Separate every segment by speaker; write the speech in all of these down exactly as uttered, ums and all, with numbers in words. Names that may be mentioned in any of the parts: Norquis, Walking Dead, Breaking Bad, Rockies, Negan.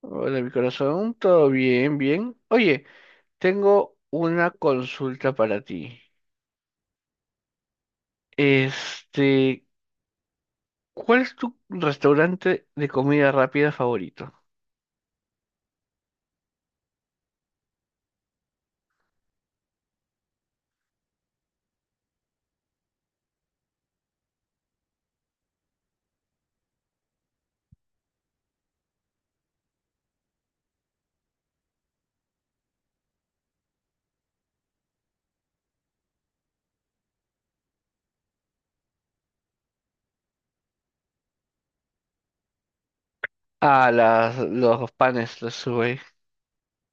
Speaker 1: Hola, mi corazón, todo bien, bien. Oye, tengo una consulta para ti. Este, ¿cuál es tu restaurante de comida rápida favorito? Ah, las, los panes, los Subway,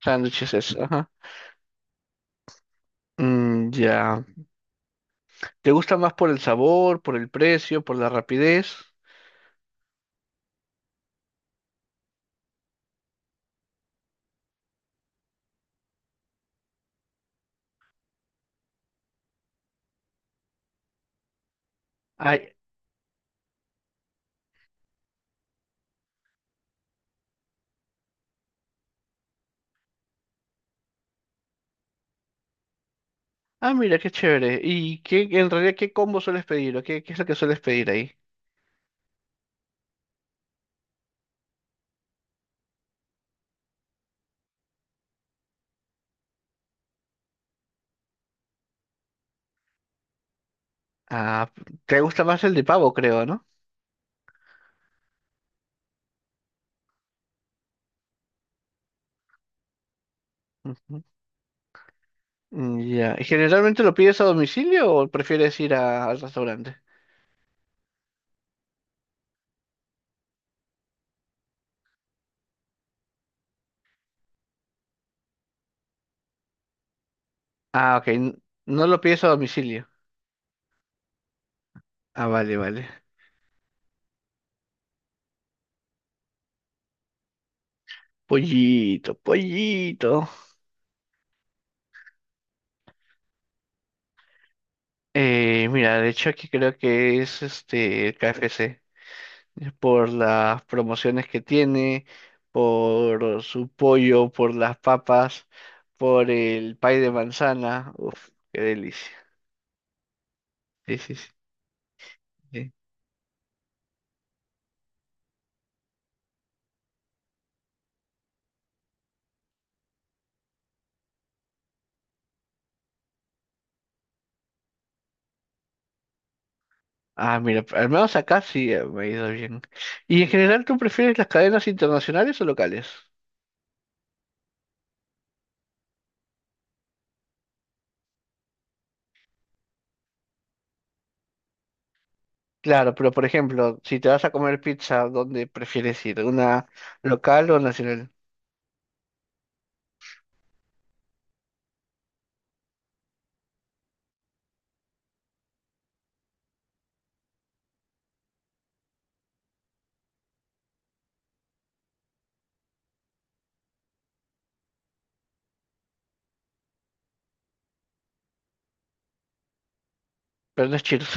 Speaker 1: sándwiches, eso, ajá. Mm, ya. ¿Te gusta más por el sabor, por el precio, por la rapidez? Ay, ah, mira, qué chévere. ¿Y qué, en realidad, qué combo sueles pedir o qué, qué es lo que sueles pedir ahí? Ah, te gusta más el de pavo, creo, ¿no? Mm, ya. ¿Y ¿Generalmente lo pides a domicilio o prefieres ir a- al restaurante? Ah, ok. n- No lo pides a domicilio. Ah, vale, vale. Pollito, pollito. Eh, mira, de hecho aquí creo que es este el K F C, eh, por las promociones que tiene, por su pollo, por las papas, por el pay de manzana. Uf, qué delicia. Sí, sí, sí. Sí. Ah, mira, al menos acá sí, eh, me ha ido bien. ¿Y en general tú prefieres las cadenas internacionales o locales? Claro, pero por ejemplo, si te vas a comer pizza, ¿dónde prefieres ir? ¿Una local o nacional? Pero no es Cheers.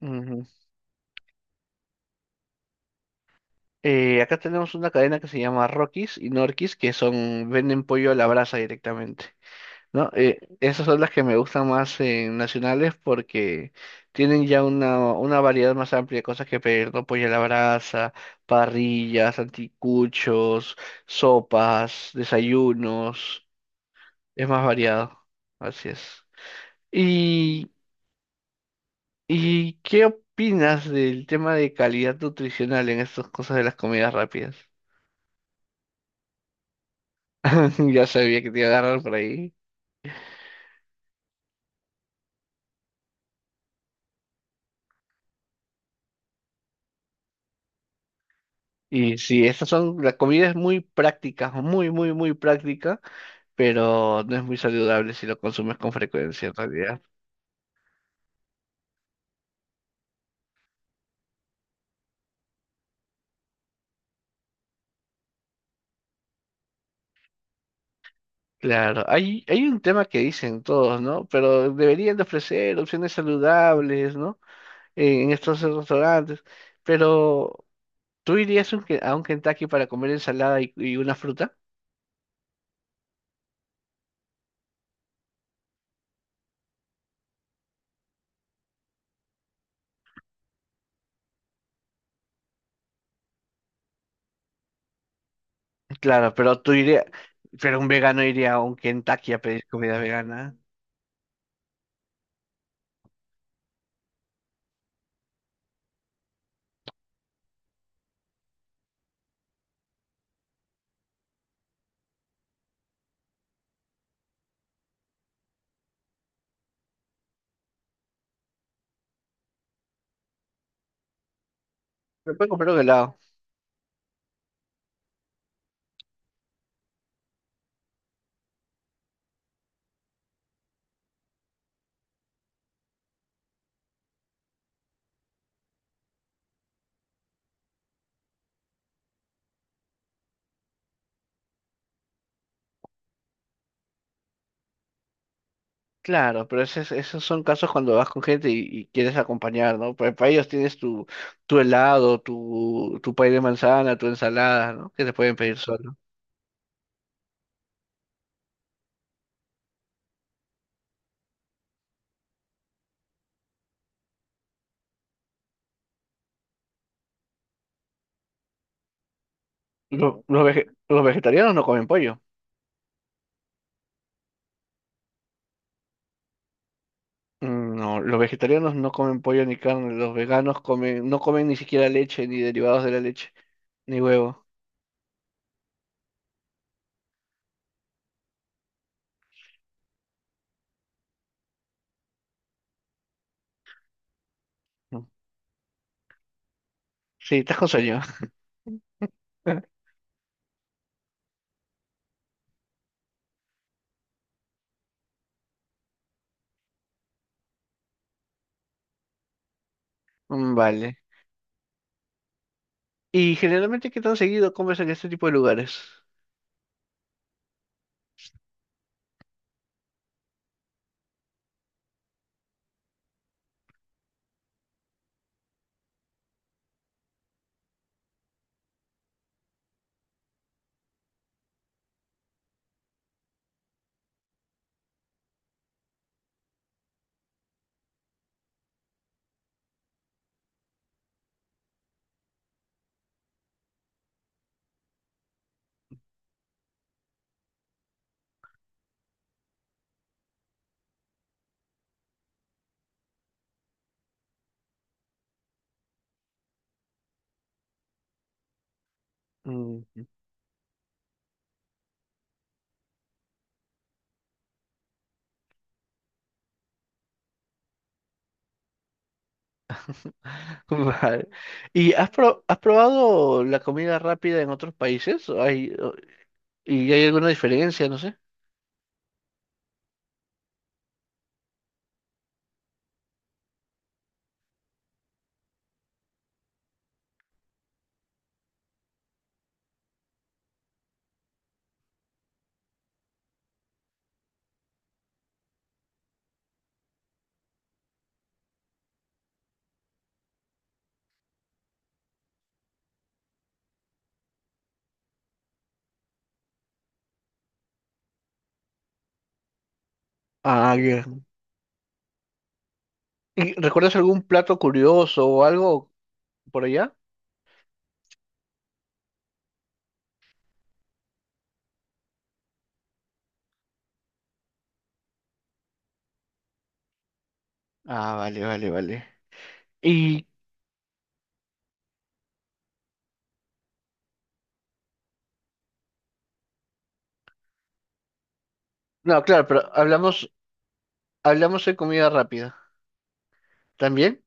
Speaker 1: Ujú. Eh, acá tenemos una cadena que se llama Rockies y Norquis, que son, venden pollo a la brasa directamente. No, eh, esas son las que me gustan más en nacionales porque tienen ya una, una variedad más amplia de cosas que pedir, ¿no? Pollo a la brasa, parrillas, anticuchos, sopas, desayunos, es más variado, así es. ¿Y, ¿y qué opinas del tema de calidad nutricional en estas cosas de las comidas rápidas? Ya sabía que te iba a agarrar por ahí. Y sí, estas son, la comida es muy práctica, muy, muy, muy práctica, pero no es muy saludable si lo consumes con frecuencia en realidad. Claro, hay, hay un tema que dicen todos, ¿no? Pero deberían de ofrecer opciones saludables, ¿no? En estos restaurantes. Pero, ¿tú irías un Ke- a un Kentucky para comer ensalada y, y una fruta? Claro, pero tú irías, pero un vegano iría a un Kentucky a pedir comida vegana. Me puede comprar un helado. Claro, pero ese es- esos son casos cuando vas con gente y, y quieres acompañar, ¿no? Para, para ellos tienes tu, tu helado, tu, tu pay de manzana, tu ensalada, ¿no? Que te pueden pedir solo. Lo- Los, vege- los vegetarianos no comen pollo. Mm, no, los vegetarianos no comen pollo ni carne. Los veganos comen, no comen ni siquiera leche, ni derivados de la leche, ni huevo. No. Sí, estás con sueño. Mm, vale. ¿Y generalmente qué tan seguido comes en este tipo de lugares? Mm. Vale. ¿Y has, pro- has probado la comida rápida en otros países? ¿O ¿Hay, o- y hay alguna diferencia? No sé. Ah, ya. ¿Y recuerdas algún plato curioso o algo por allá? Ah, vale, vale, vale. Y, no, claro, pero hablamos, hablamos de comida rápida. ¿También?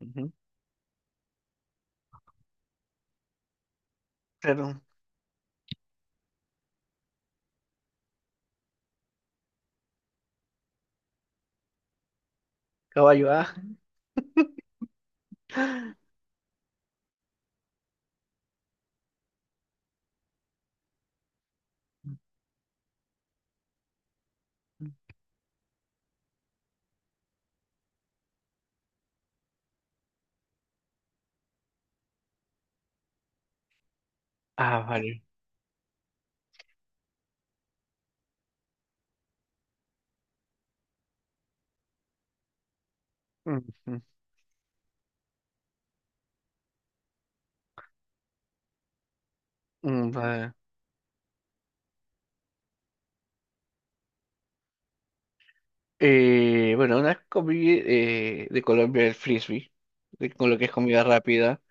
Speaker 1: Ujú. Claro, caballo, ah. Ujú. Ah, vale. Ujú. Mm, vale. Eh, bueno, una comida eh, de Colombia, el frisbee, de- con lo que es comida rápida.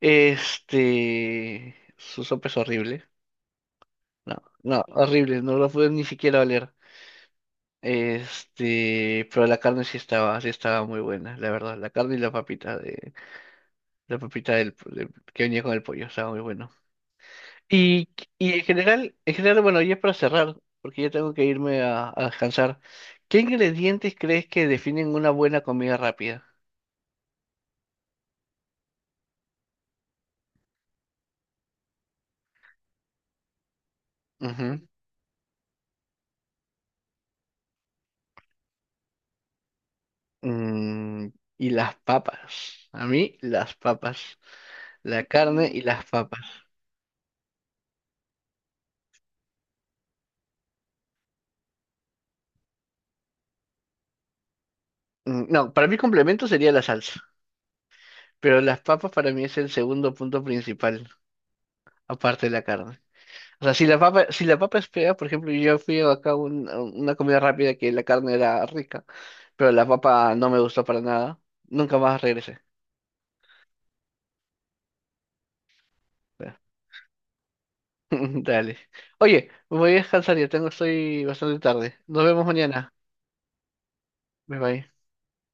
Speaker 1: Este, su sopa es horrible. No, no, horrible, no lo pude ni siquiera oler. Este, pero la carne sí estaba, sí estaba muy buena, la verdad. La carne y la papita de, la papita del, del- que venía con el pollo, estaba muy bueno. Y, y en general, en general, bueno, ya para cerrar, porque ya tengo que irme a, a descansar. ¿Qué ingredientes crees que definen una buena comida rápida? Ujú. Mm, y las papas. A mí, las papas. La carne y las papas. Mm, no, para mí complemento sería la salsa, pero las papas para mí es el segundo punto principal, aparte de la carne. O sea, si la papa, si la papa es fea, por ejemplo, yo fui acá a un- a una comida rápida que la carne era rica, pero la papa no me gustó para nada, nunca más regresé. Dale. Oye, voy a descansar, ya tengo, estoy bastante tarde. Nos vemos mañana. Bye bye.